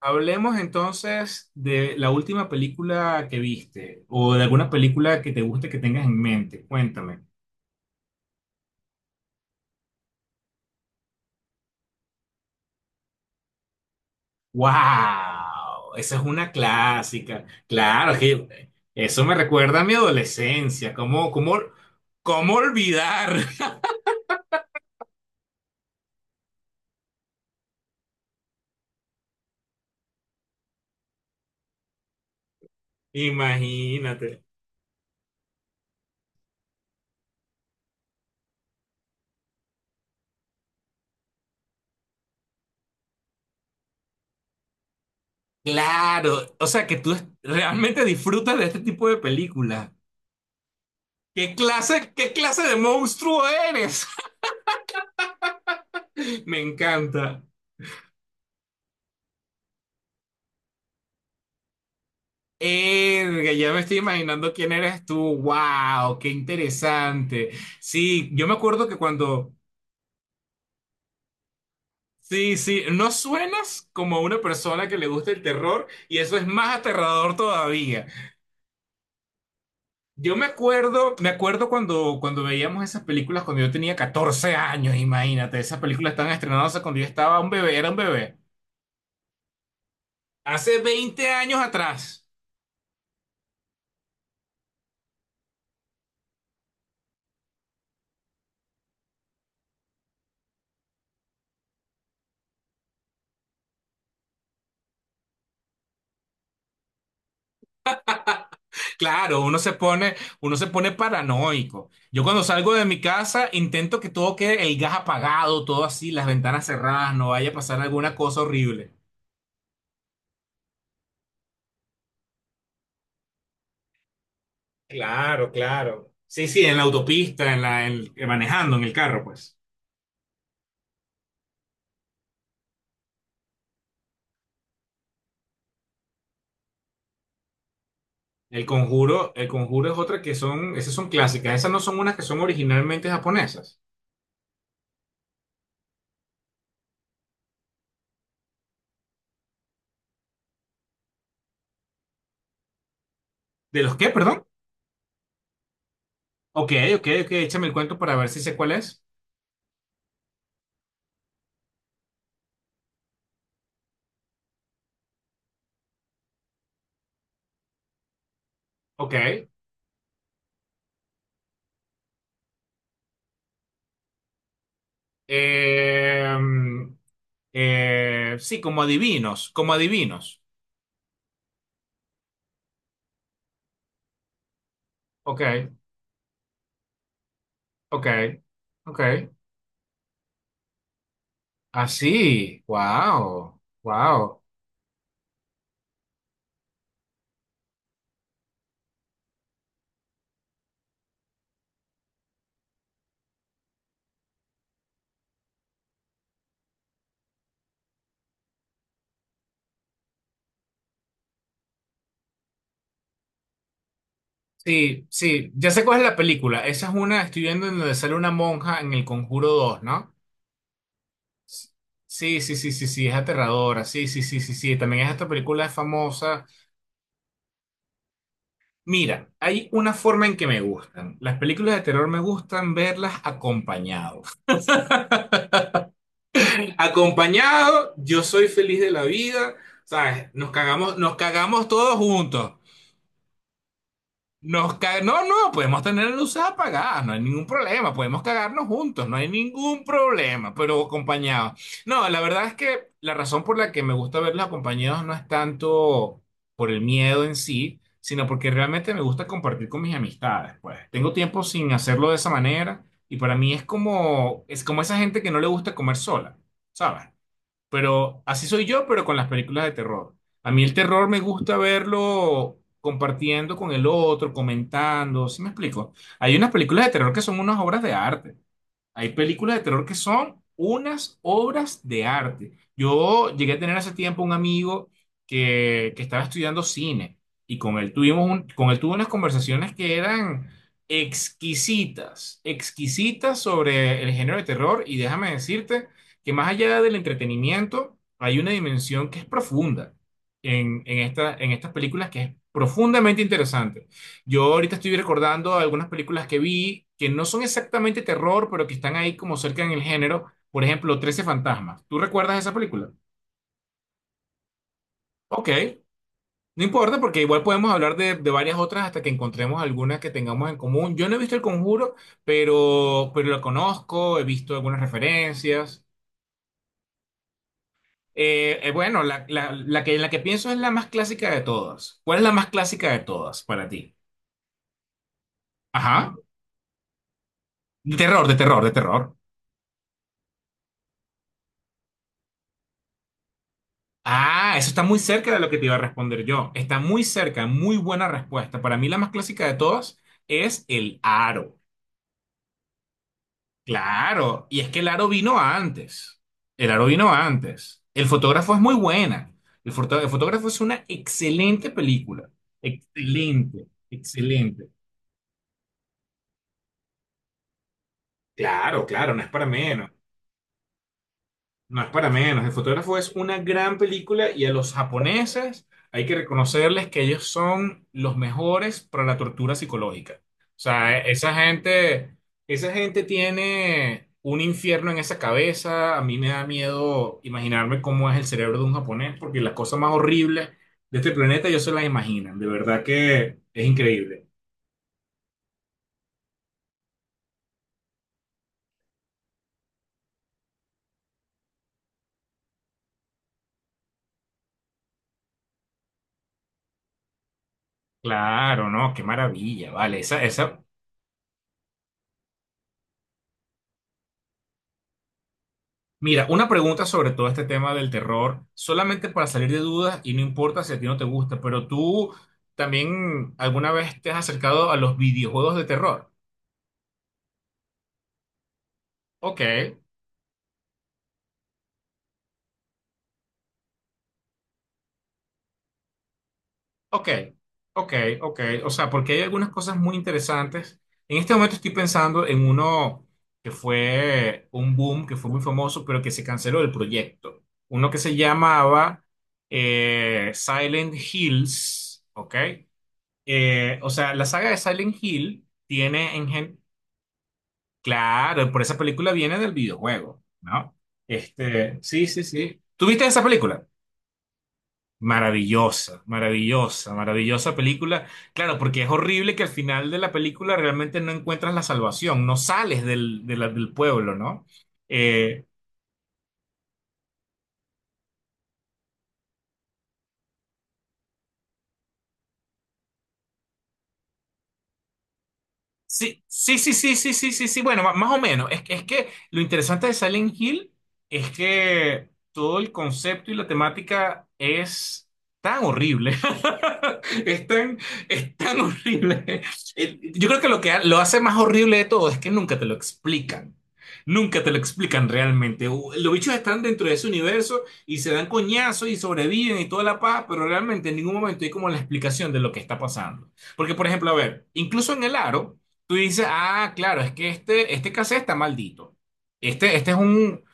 Hablemos entonces de la última película que viste o de alguna película que te guste que tengas en mente. Cuéntame. ¡Wow! Esa es una clásica. Claro, es que eso me recuerda a mi adolescencia. ¿Cómo olvidar? Imagínate. Claro, o sea que tú realmente disfrutas de este tipo de películas. ¿Qué clase de monstruo eres? Me encanta. Erga, ya me estoy imaginando quién eres tú. ¡Wow! ¡Qué interesante! Sí, yo me acuerdo que cuando. Sí, sí, no suenas como una persona que le gusta el terror y eso es más aterrador todavía. Yo me acuerdo cuando veíamos esas películas cuando yo tenía 14 años, imagínate, esas películas estaban estrenadas cuando yo estaba un bebé, era un bebé. Hace 20 años atrás. Claro, uno se pone paranoico. Yo cuando salgo de mi casa intento que todo quede el gas apagado, todo así, las ventanas cerradas, no vaya a pasar alguna cosa horrible. Claro, claro. Sí, sí, en la autopista, manejando en el carro, pues. El conjuro es otra que son, esas son clásicas, esas no son unas que son originalmente japonesas. ¿De los qué, perdón? Ok, ok, ok, échame el cuento para ver si sé cuál es. Ok. Eh, sí, como adivinos, como adivinos. Ok, ok, ok. Así, wow, wow. Sí, sí, ya sé cuál es la película. Esa es una, estoy viendo en donde sale una monja en El Conjuro 2, ¿no? Sí, sí, sí, sí, sí, es aterradora. Sí, sí, sí, sí, sí. También esta película es famosa. Mira, hay una forma en que me gustan. Las películas de terror me gustan verlas acompañados. Acompañado, yo soy feliz de la vida, ¿sabes? Nos cagamos todos juntos. No, no, podemos tener las luces apagadas, no hay ningún problema, podemos cagarnos juntos, no hay ningún problema, pero acompañados. No, la verdad es que la razón por la que me gusta verlos acompañados no es tanto por el miedo en sí, sino porque realmente me gusta compartir con mis amistades, pues. Tengo tiempo sin hacerlo de esa manera y para mí es como esa gente que no le gusta comer sola, ¿sabes? Pero así soy yo, pero con las películas de terror. A mí el terror me gusta verlo compartiendo con el otro, comentando, ¿sí me explico? Hay unas películas de terror que son unas obras de arte. Hay películas de terror que son unas obras de arte. Yo llegué a tener hace tiempo un amigo que estaba estudiando cine y con él tuvimos con él tuve unas conversaciones que eran exquisitas, exquisitas sobre el género de terror y déjame decirte que más allá del entretenimiento hay una dimensión que es profunda en estas películas que es profundamente interesante. Yo ahorita estoy recordando algunas películas que vi que no son exactamente terror, pero que están ahí como cerca en el género. Por ejemplo, 13 fantasmas. ¿Tú recuerdas esa película? Ok, no importa porque igual podemos hablar de varias otras hasta que encontremos algunas que tengamos en común. Yo no he visto El Conjuro, pero lo conozco, he visto algunas referencias. Bueno, la que pienso es la más clásica de todas. ¿Cuál es la más clásica de todas para ti? Ajá. De terror, de terror, de terror. Ah, eso está muy cerca de lo que te iba a responder yo. Está muy cerca, muy buena respuesta. Para mí la más clásica de todas es el aro. Claro, y es que el aro vino antes. El aro vino antes. El fotógrafo es muy buena. El fotógrafo es una excelente película. Excelente, excelente. Claro, claro, no es para menos. No es para menos. El fotógrafo es una gran película y a los japoneses hay que reconocerles que ellos son los mejores para la tortura psicológica. O sea, esa gente tiene un infierno en esa cabeza. A mí me da miedo imaginarme cómo es el cerebro de un japonés porque las cosas más horribles de este planeta ellos se las imaginan. De verdad que es increíble. Claro, no, qué maravilla, vale. Mira, una pregunta sobre todo este tema del terror, solamente para salir de dudas y no importa si a ti no te gusta, pero tú también alguna vez te has acercado a los videojuegos de terror. Ok, ok, ok, ok. O sea, porque hay algunas cosas muy interesantes. En este momento estoy pensando en uno que fue un boom, que fue muy famoso, pero que se canceló el proyecto. Uno que se llamaba Silent Hills, ¿ok? O sea, la saga de Silent Hill tiene en gen... Claro, por esa película viene del videojuego, ¿no? Sí, sí, sí. ¿Tuviste esa película? Maravillosa, maravillosa, maravillosa película. Claro, porque es horrible que al final de la película realmente no encuentras la salvación, no sales del, del pueblo, ¿no? Eh, Sí, sí, sí, sí, sí, sí, sí, sí. Bueno, más o menos. Es que lo interesante de Silent Hill es que todo el concepto y la temática es tan horrible. Es tan, es tan horrible. Yo creo que lo que lo hace más horrible de todo es que nunca te lo explican. Nunca te lo explican realmente. Los bichos están dentro de ese universo y se dan coñazos y sobreviven y toda la paz, pero realmente en ningún momento hay como la explicación de lo que está pasando. Porque, por ejemplo, a ver, incluso en el aro. Tú dices, ah, claro, es que este cassette está maldito. Este es un...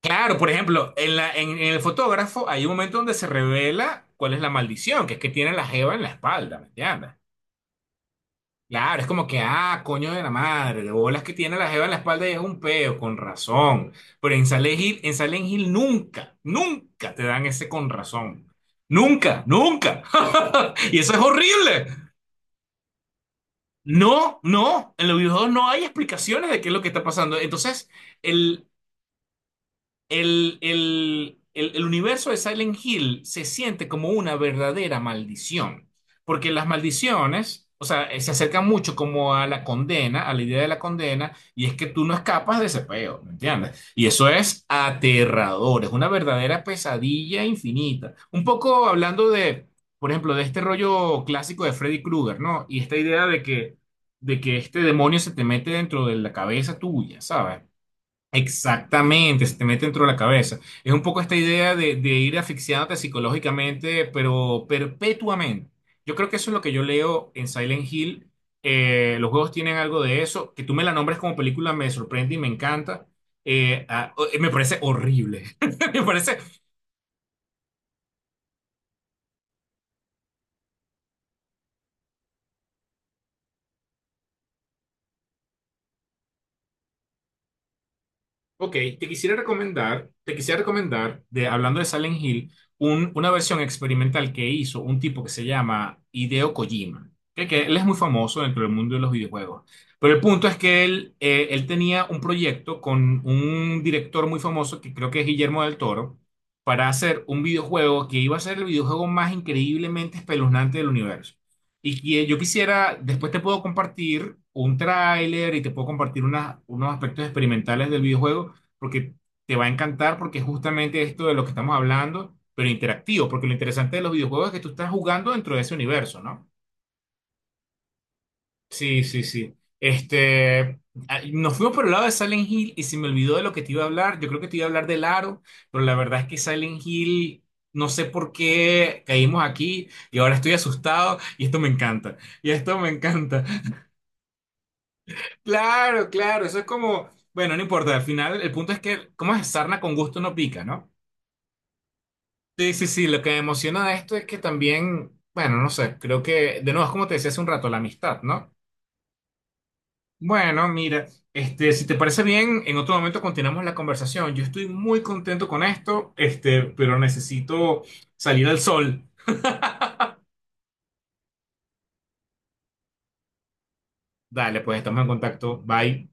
Claro, por ejemplo, en el fotógrafo hay un momento donde se revela cuál es la maldición, que es que tiene la jeva en la espalda, ¿me entiendes? Claro, es como que, ah, coño de la madre, de bolas que tiene la jeva en la espalda y es un peo, con razón. Pero en Silent Hill nunca, nunca te dan ese con razón. Nunca, nunca. Y eso es horrible. No, no, en los videojuegos no hay explicaciones de qué es lo que está pasando. Entonces, el, el universo de Silent Hill se siente como una verdadera maldición, porque las maldiciones, o sea, se acercan mucho como a la condena, a la idea de la condena, y es que tú no escapas de ese peo, ¿me entiendes? Y eso es aterrador, es una verdadera pesadilla infinita. Un poco hablando de, por ejemplo, de este rollo clásico de Freddy Krueger, ¿no? Y esta idea de que este demonio se te mete dentro de la cabeza tuya, ¿sabes? Exactamente, se te mete dentro de la cabeza. Es un poco esta idea de ir asfixiándote psicológicamente, pero perpetuamente. Yo creo que eso es lo que yo leo en Silent Hill. Los juegos tienen algo de eso. Que tú me la nombres como película me sorprende y me encanta. Me parece horrible. Me parece Ok, te quisiera recomendar, hablando de Silent Hill, una versión experimental que hizo un tipo que se llama Hideo Kojima, que él es muy famoso dentro del mundo de los videojuegos. Pero el punto es que él tenía un proyecto con un director muy famoso, que creo que es Guillermo del Toro, para hacer un videojuego que iba a ser el videojuego más increíblemente espeluznante del universo. Y que yo quisiera, después te puedo compartir un tráiler y te puedo compartir unos aspectos experimentales del videojuego porque te va a encantar porque es justamente esto de lo que estamos hablando, pero interactivo, porque lo interesante de los videojuegos es que tú estás jugando dentro de ese universo, ¿no? Sí, sí, sí. Nos fuimos por el lado de Silent Hill y se me olvidó de lo que te iba a hablar. Yo creo que te iba a hablar del aro, pero la verdad es que Silent Hill, no sé por qué caímos aquí y ahora estoy asustado y esto me encanta. Y esto me encanta. Claro, claro, eso es como, bueno, no importa, al final el punto es que, ¿cómo es? Sarna con gusto no pica, ¿no? Sí, sí, sí, lo que me emociona de esto es que también, bueno, no sé, creo que, de nuevo, es como te decía hace un rato, la amistad, ¿no? Bueno, mira, si te parece bien, en otro momento continuamos la conversación. Yo estoy muy contento con esto, pero necesito salir al sol. Dale, pues estamos en contacto. Bye.